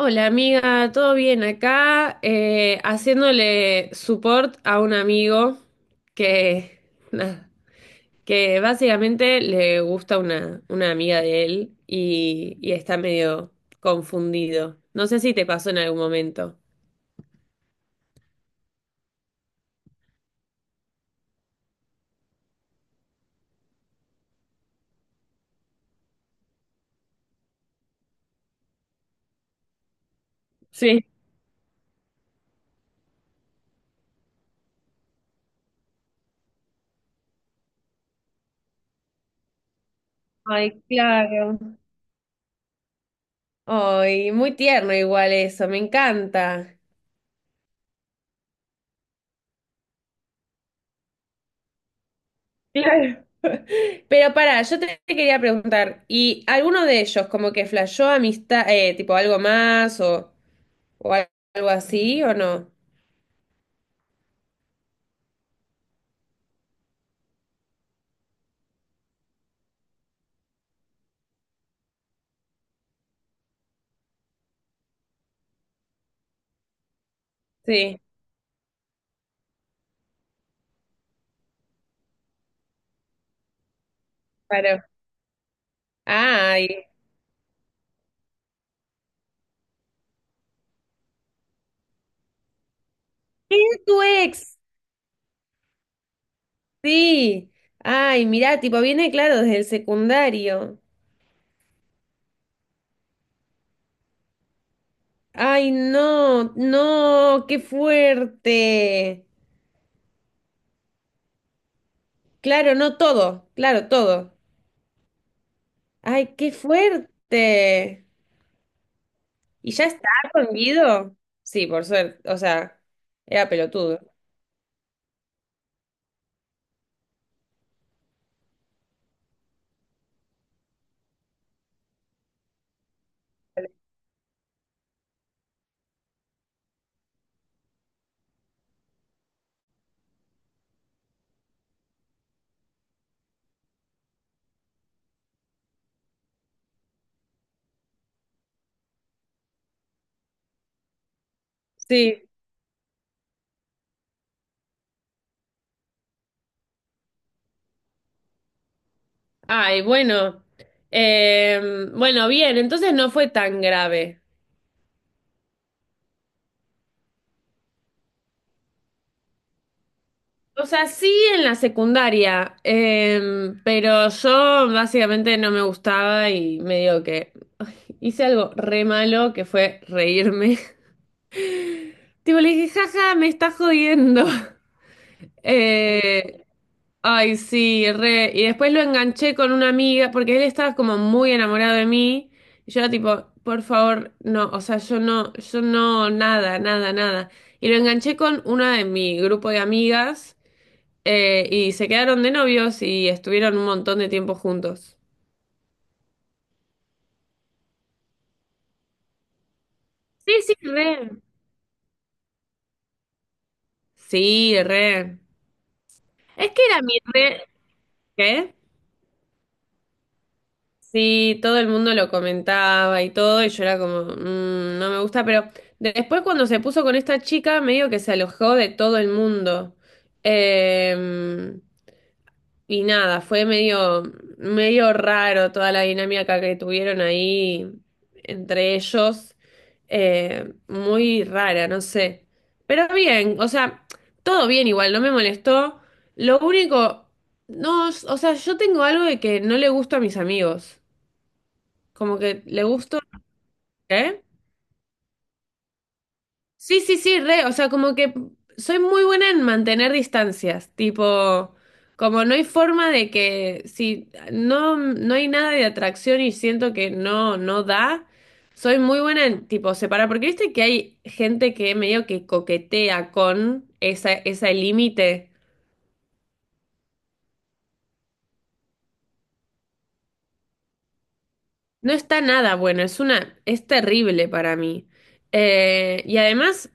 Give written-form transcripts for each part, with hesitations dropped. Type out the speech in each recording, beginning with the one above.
Hola amiga, ¿todo bien acá? Haciéndole support a un amigo que, nada, que básicamente le gusta una amiga de él y, está medio confundido. No sé si te pasó en algún momento. Sí. Ay, claro. Ay, muy tierno igual eso, me encanta. Claro. Pero para, yo te quería preguntar, ¿y alguno de ellos como que flashó amistad, tipo algo más o, algo así o no? Sí, claro. Ay, es tu ex, sí. Ay, mirá, tipo viene claro desde el secundario. Ay, no, no, qué fuerte. Claro, no todo, claro, todo. Ay, qué fuerte. ¿Y ya está con Guido? Sí, por suerte. O sea, era pelotudo. Sí. Ay, bueno. Bueno, bien, entonces no fue tan grave. O sea, sí en la secundaria, pero yo básicamente no me gustaba y medio que hice algo re malo que fue reírme. Tipo, le dije, jaja, me está jodiendo. Eh, Ay, sí, re. Y después lo enganché con una amiga, porque él estaba como muy enamorado de mí. Y yo era tipo, por favor, no, o sea, yo no, yo no, nada, nada, nada. Y lo enganché con una de mi grupo de amigas, y se quedaron de novios y estuvieron un montón de tiempo juntos. Sí, sí, re. Sí, re. Es que era mi re. ¿Qué? Sí, todo el mundo lo comentaba y todo, y yo era como, "Mm, no me gusta, pero después cuando se puso con esta chica, medio que se alojó de todo el mundo. Eh, y nada, fue medio, medio raro toda la dinámica que tuvieron ahí entre ellos. Muy rara, no sé. Pero bien, o sea, todo bien igual, no me molestó. Lo único, no, o sea, yo tengo algo de que no le gusta a mis amigos. Como que le gusto, ¿eh? Sí, sí, sí, re, o sea, como que soy muy buena en mantener distancias, tipo, como no hay forma de que si no, no hay nada de atracción y siento que no, no da, soy muy buena en tipo separar, porque viste que hay gente que medio que coquetea con esa, ese límite. No está nada bueno, es una, es terrible para mí. Y además.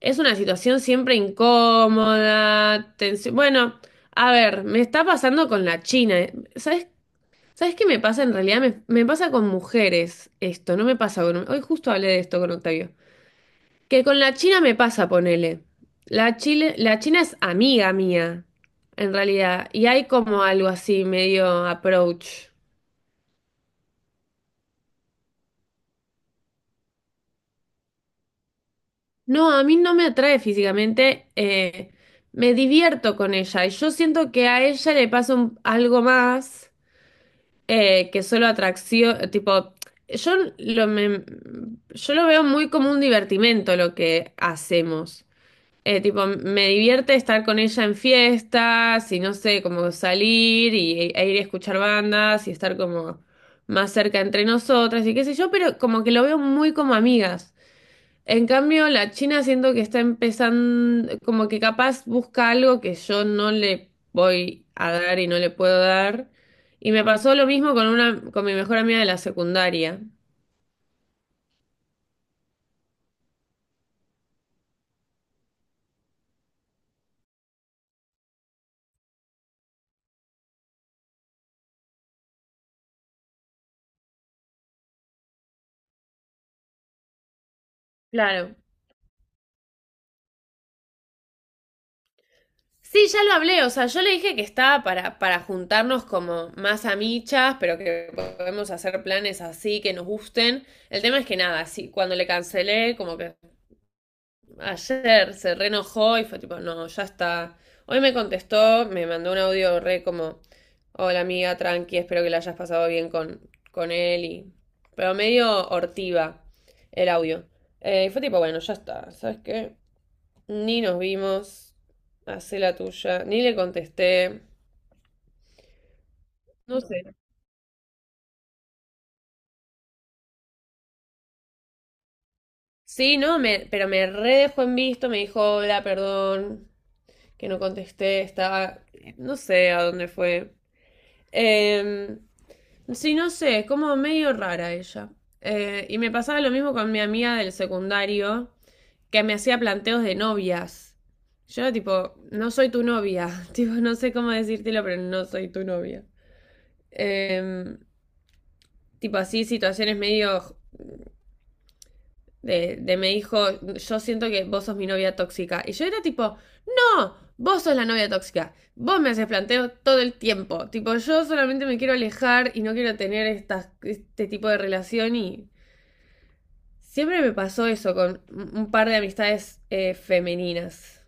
Es una situación siempre incómoda, tensión. Bueno, a ver, me está pasando con la China. ¿Sabes, sabes qué me pasa en realidad? Me pasa con mujeres esto, no me pasa con... Hoy justo hablé de esto con Octavio. Que con la China me pasa, ponele. La Chile, la China es amiga mía, en realidad. Y hay como algo así, medio approach. No, a mí no me atrae físicamente. Me divierto con ella. Y yo siento que a ella le pasa algo más. Que solo atracción, tipo, yo lo, me- yo lo veo muy como un divertimento lo que hacemos. Tipo, me divierte estar con ella en fiestas y no sé, como salir y, ir a escuchar bandas y estar como más cerca entre nosotras y qué sé yo, pero como que lo veo muy como amigas. En cambio, la China siento que está empezando, como que capaz busca algo que yo no le voy a dar y no le puedo dar. Y me pasó lo mismo con una, con mi mejor amiga de la secundaria. Claro. Sí, ya lo hablé, o sea, yo le dije que estaba para juntarnos como más amichas, pero que podemos hacer planes así, que nos gusten. El tema es que nada, sí, cuando le cancelé, como que ayer se reenojó y fue tipo, no, ya está. Hoy me contestó, me mandó un audio re como, hola amiga, tranqui, espero que la hayas pasado bien con él y... Pero medio hortiva el audio. Y fue tipo, bueno, ya está, ¿sabes qué? Ni nos vimos, hacé la tuya, ni le contesté, no sé. Sí, no, pero me re dejó en visto, me dijo, hola, perdón, que no contesté, estaba, no sé a dónde fue. Em, Sí, no sé, es como medio rara ella. Y me pasaba lo mismo con mi amiga del secundario, que me hacía planteos de novias. Yo era tipo, no soy tu novia. Tipo, no sé cómo decírtelo, pero no soy tu novia. Em, Tipo así, situaciones medio de me dijo, yo siento que vos sos mi novia tóxica. Y yo era tipo, no, vos sos la novia tóxica. Vos me haces planteo todo el tiempo. Tipo, yo solamente me quiero alejar y no quiero tener este tipo de relación y siempre me pasó eso con un par de amistades femeninas.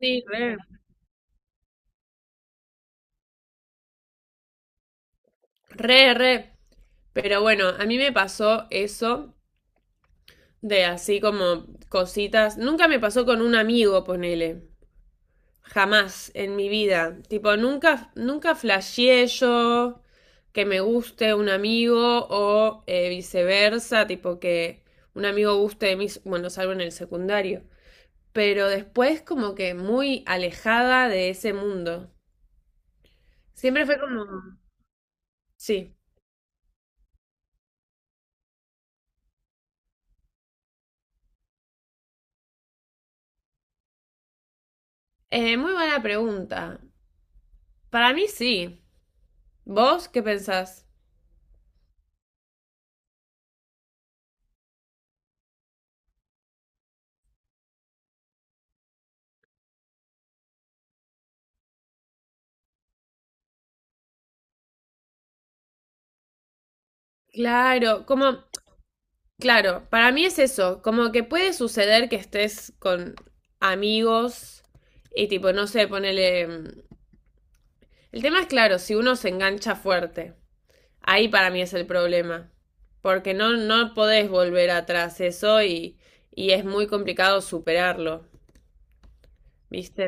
Sí, re. Re, re. Pero bueno, a mí me pasó eso de así como cositas. Nunca me pasó con un amigo, ponele. Jamás en mi vida. Tipo, nunca flasheé yo que me guste un amigo o viceversa, tipo que un amigo guste de mí, bueno, salvo en el secundario. Pero después como que muy alejada de ese mundo. Siempre fue como... Sí. Muy buena pregunta. Para mí sí. ¿Vos qué pensás? Claro, como... Claro, para mí es eso. Como que puede suceder que estés con amigos y tipo, no sé, ponele... mm, el tema es claro, si uno se engancha fuerte. Ahí para mí es el problema. Porque no, no podés volver atrás eso y es muy complicado superarlo, ¿viste?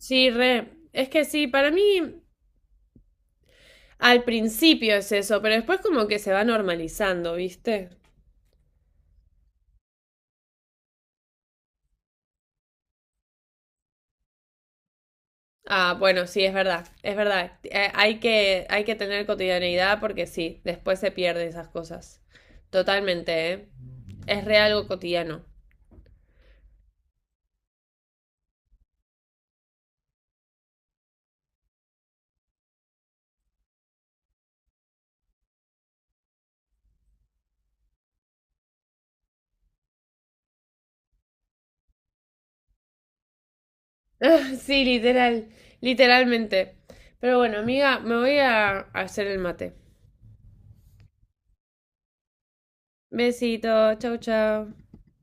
Sí, re. Es que sí, para mí al principio es eso, pero después como que se va normalizando, ¿viste? Ah, bueno, sí, es verdad, es verdad. Hay que, hay que tener cotidianeidad porque sí, después se pierden esas cosas. Totalmente, ¿eh? Es re algo cotidiano. Ah, sí, literal, literalmente. Pero bueno, amiga, me voy a hacer el mate. Besito, chau, chau.